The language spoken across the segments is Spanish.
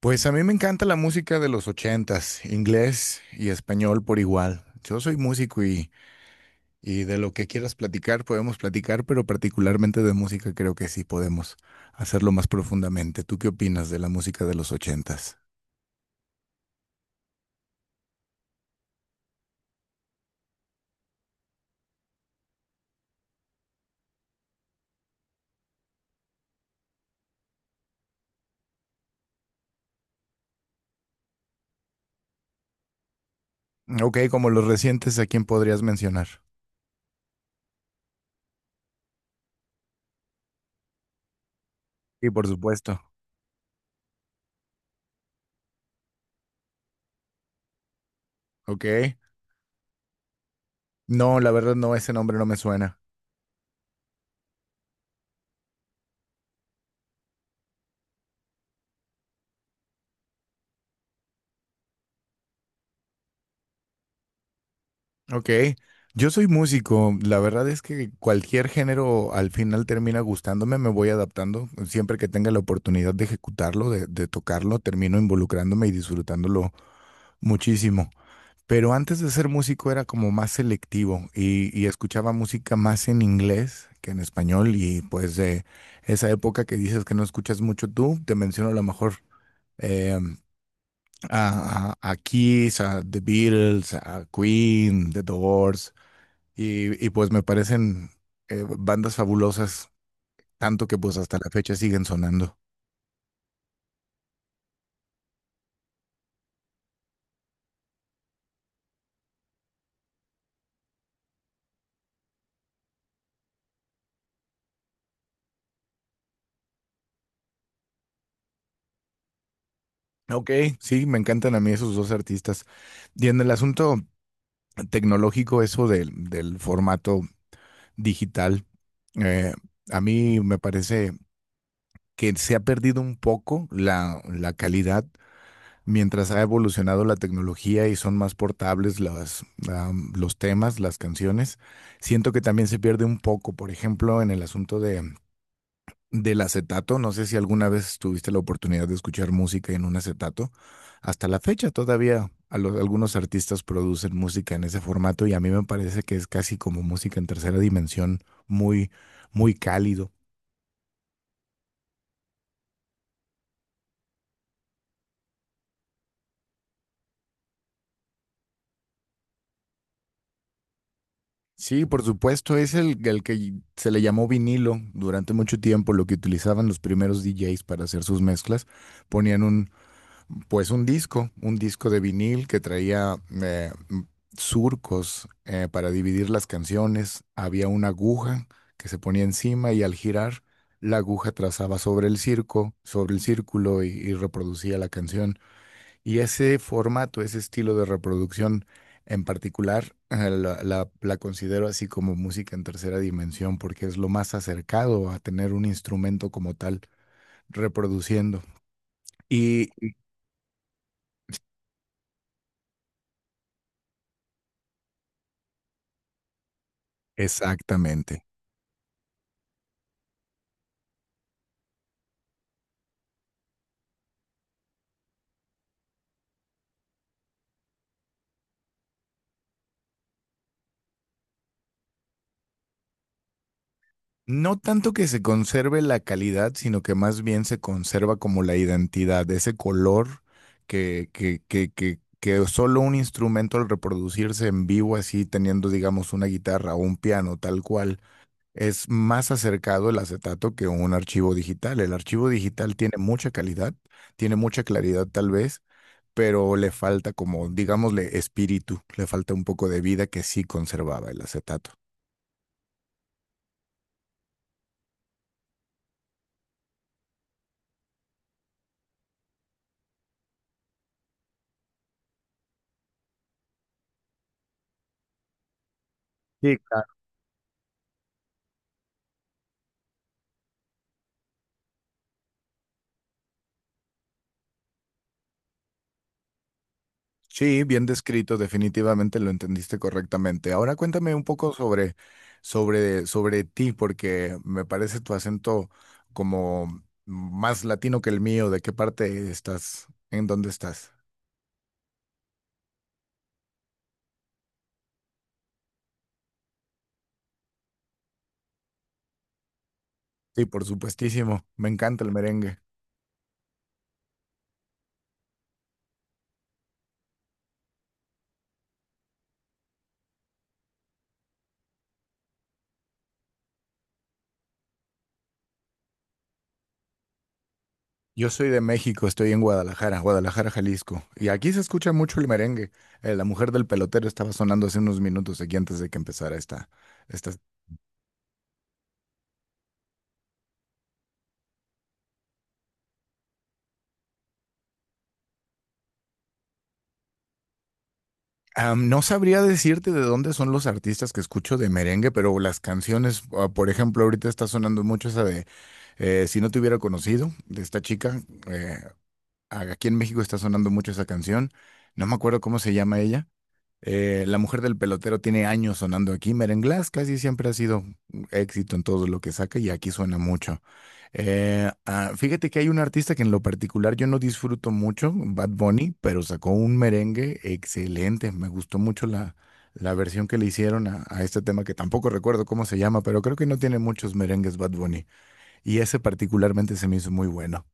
Pues a mí me encanta la música de los ochentas, inglés y español por igual. Yo soy músico y de lo que quieras platicar podemos platicar, pero particularmente de música creo que sí podemos hacerlo más profundamente. ¿Tú qué opinas de la música de los ochentas? Ok, como los recientes, ¿a quién podrías mencionar? Y por supuesto. Ok. No, la verdad no, ese nombre no me suena. Ok, yo soy músico, la verdad es que cualquier género al final termina gustándome, me voy adaptando, siempre que tenga la oportunidad de ejecutarlo, de tocarlo, termino involucrándome y disfrutándolo muchísimo. Pero antes de ser músico era como más selectivo y escuchaba música más en inglés que en español y pues de esa época que dices que no escuchas mucho tú, te menciono a lo mejor eh, a, a Kiss, a The Beatles, a Queen, The Doors. Y pues me parecen bandas fabulosas, tanto que pues hasta la fecha siguen sonando. Ok, sí, me encantan a mí esos dos artistas. Y en el asunto tecnológico, eso del formato digital, eh, a mí me parece que se ha perdido un poco la calidad mientras ha evolucionado la tecnología y son más portables las, los temas, las canciones. Siento que también se pierde un poco, por ejemplo, en el asunto de del acetato. No sé si alguna vez tuviste la oportunidad de escuchar música en un acetato. Hasta la fecha todavía a algunos artistas producen música en ese formato y a mí me parece que es casi como música en tercera dimensión, muy, muy cálido. Sí, por supuesto, es el que se le llamó vinilo durante mucho tiempo, lo que utilizaban los primeros DJs para hacer sus mezclas. Ponían un, pues un disco de vinil que traía eh, m- surcos para dividir las canciones. Había una aguja que se ponía encima y al girar la aguja trazaba sobre el circo, sobre el círculo y reproducía la canción. Y ese formato, ese estilo de reproducción en particular, la, la considero así como música en tercera dimensión porque es lo más acercado a tener un instrumento como tal reproduciendo. Y exactamente. No tanto que se conserve la calidad, sino que más bien se conserva como la identidad, ese color que solo un instrumento al reproducirse en vivo, así teniendo, digamos, una guitarra o un piano tal cual, es más acercado el acetato que un archivo digital. El archivo digital tiene mucha calidad, tiene mucha claridad tal vez, pero le falta como, digámosle, espíritu, le falta un poco de vida que sí conservaba el acetato. Sí, Sí, bien descrito, definitivamente lo entendiste correctamente. Ahora cuéntame un poco sobre, sobre ti, porque me parece tu acento como más latino que el mío. ¿De qué parte estás? ¿En dónde estás? Sí, por supuestísimo. Me encanta el merengue. Yo soy de México, estoy en Guadalajara, Guadalajara, Jalisco. Y aquí se escucha mucho el merengue. La mujer del pelotero estaba sonando hace unos minutos aquí antes de que empezara esta. Am, no sabría decirte de dónde son los artistas que escucho de merengue, pero las canciones, ah, por ejemplo, ahorita está sonando mucho esa de Si no te hubiera conocido, de esta chica. eh, Aquí en México está sonando mucho esa canción. No me acuerdo cómo se llama ella. La mujer del pelotero tiene años sonando aquí. Merenglass casi siempre ha sido un éxito en todo lo que saca y aquí suena mucho. Fíjate que hay un artista que en lo particular yo no disfruto mucho, Bad Bunny, pero sacó un merengue excelente. Me gustó mucho la, la versión que le hicieron a este tema, que tampoco recuerdo cómo se llama, pero creo que no tiene muchos merengues Bad Bunny. Y ese particularmente se me hizo muy bueno.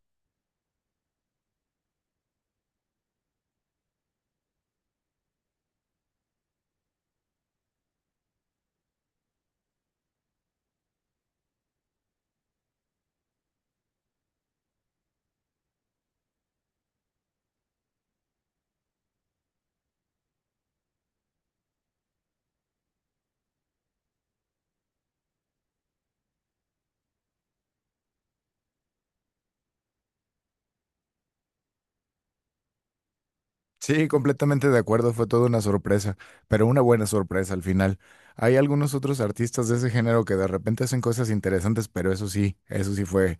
Sí, completamente de acuerdo, fue toda una sorpresa, pero una buena sorpresa al final. Hay algunos otros artistas de ese género que de repente hacen cosas interesantes, pero eso sí fue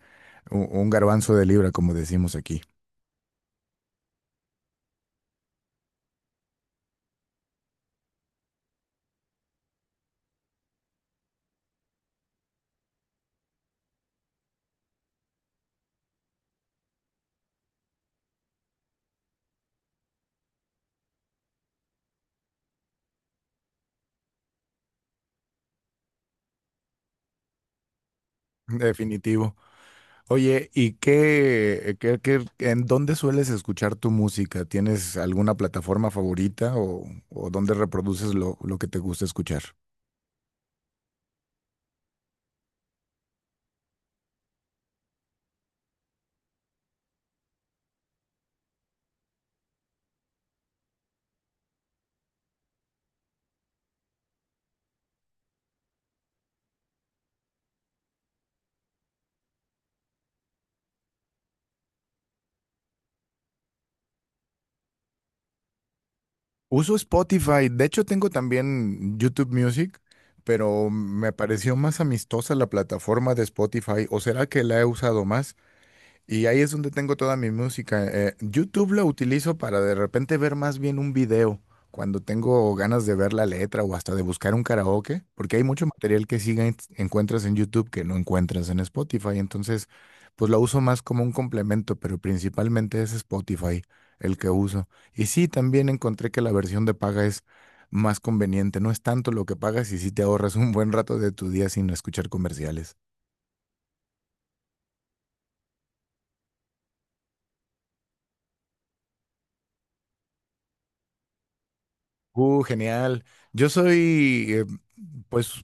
un garbanzo de libra, como decimos aquí. Definitivo. Oye, ¿y qué- en dónde sueles escuchar tu música? ¿Tienes alguna plataforma favorita o dónde reproduces lo que te gusta escuchar? Uso Spotify, de hecho tengo también YouTube Music, pero me pareció más amistosa la plataforma de Spotify, ¿o será que la he usado más? Y ahí es donde tengo toda mi música. YouTube lo utilizo para de repente ver más bien un video, cuando tengo ganas de ver la letra o hasta de buscar un karaoke, porque hay mucho material que sí encuentras en YouTube que no encuentras en Spotify. Entonces, pues lo uso más como un complemento, pero principalmente es Spotify el que uso. Y sí, también encontré que la versión de paga es más conveniente. No es tanto lo que pagas y sí te ahorras un buen rato de tu día sin escuchar comerciales. Genial. Yo soy, pues,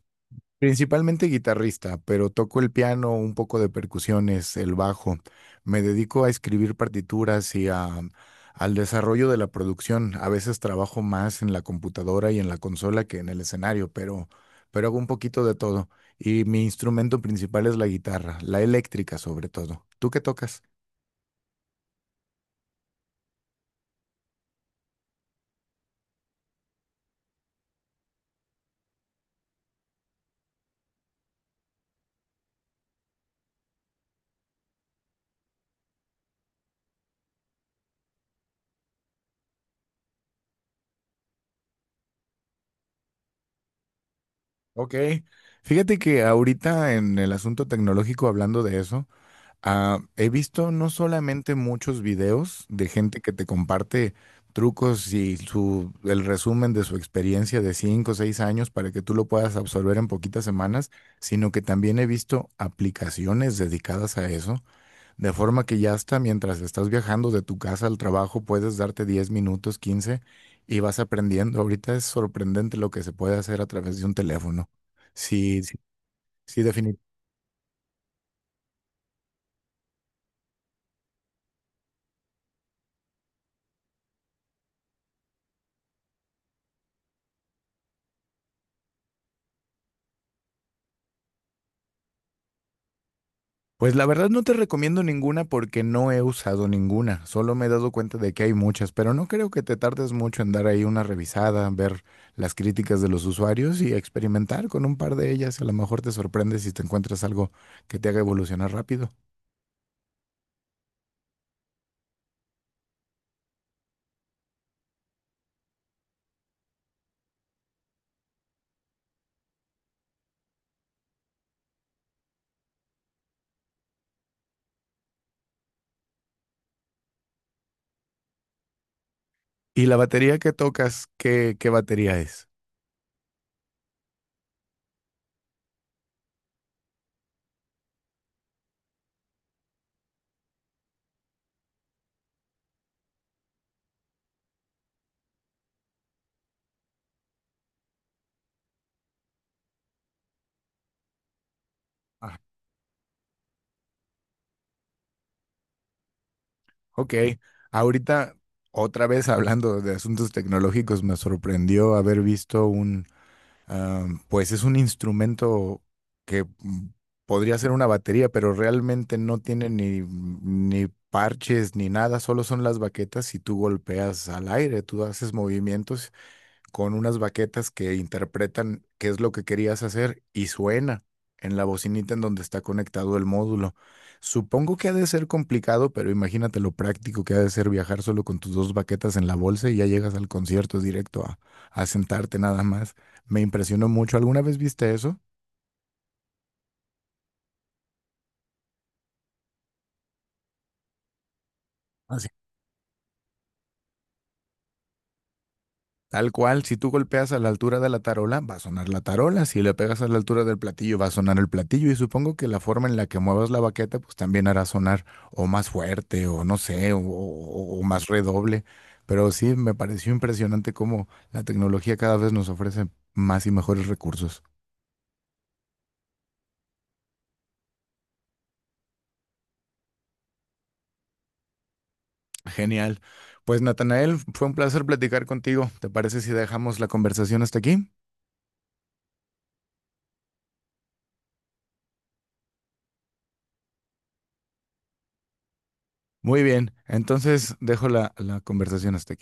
principalmente guitarrista, pero toco el piano, un poco de percusiones, el bajo. Me dedico a escribir partituras al desarrollo de la producción. A veces trabajo más en la computadora y en la consola que en el escenario, pero hago un poquito de todo. Y mi instrumento principal es la guitarra, la eléctrica sobre todo. ¿Tú qué tocas? Ok. Fíjate que ahorita en el asunto tecnológico, hablando de eso, ah, he visto no solamente muchos videos de gente que te comparte trucos y su, el resumen de su experiencia de 5 o 6 años para que tú lo puedas absorber en poquitas semanas, sino que también he visto aplicaciones dedicadas a eso, de forma que ya hasta mientras estás viajando de tu casa al trabajo puedes darte 10 minutos, 15 y vas aprendiendo. Ahorita es sorprendente lo que se puede hacer a través de un teléfono. Sí, sí, sí, definitivamente. Pues la verdad no te recomiendo ninguna porque no he usado ninguna, solo me he dado cuenta de que hay muchas, pero no creo que te tardes mucho en dar ahí una revisada, ver las críticas de los usuarios y experimentar con un par de ellas. A lo mejor te sorprendes si te encuentras algo que te haga evolucionar rápido. ¿Y la batería que tocas, qué batería es? Ah, ok, ahorita otra vez hablando de asuntos tecnológicos, me sorprendió haber visto un pues es un instrumento que podría ser una batería, pero realmente no tiene ni parches ni nada, solo son las baquetas y tú golpeas al aire, tú haces movimientos con unas baquetas que interpretan qué es lo que querías hacer y suena en la bocinita en donde está conectado el módulo. Supongo que ha de ser complicado, pero imagínate lo práctico que ha de ser viajar solo con tus dos baquetas en la bolsa y ya llegas al concierto directo a sentarte nada más. Me impresionó mucho. ¿Alguna vez viste eso? Tal cual, si tú golpeas a la altura de la tarola, va a sonar la tarola, si le pegas a la altura del platillo, va a sonar el platillo y supongo que la forma en la que muevas la baqueta, pues también hará sonar o más fuerte o no sé, o más redoble. Pero sí, me pareció impresionante cómo la tecnología cada vez nos ofrece más y mejores recursos. Genial. Pues Natanael, fue un placer platicar contigo. ¿Te parece si dejamos la conversación hasta aquí? Muy bien, entonces dejo la conversación hasta aquí.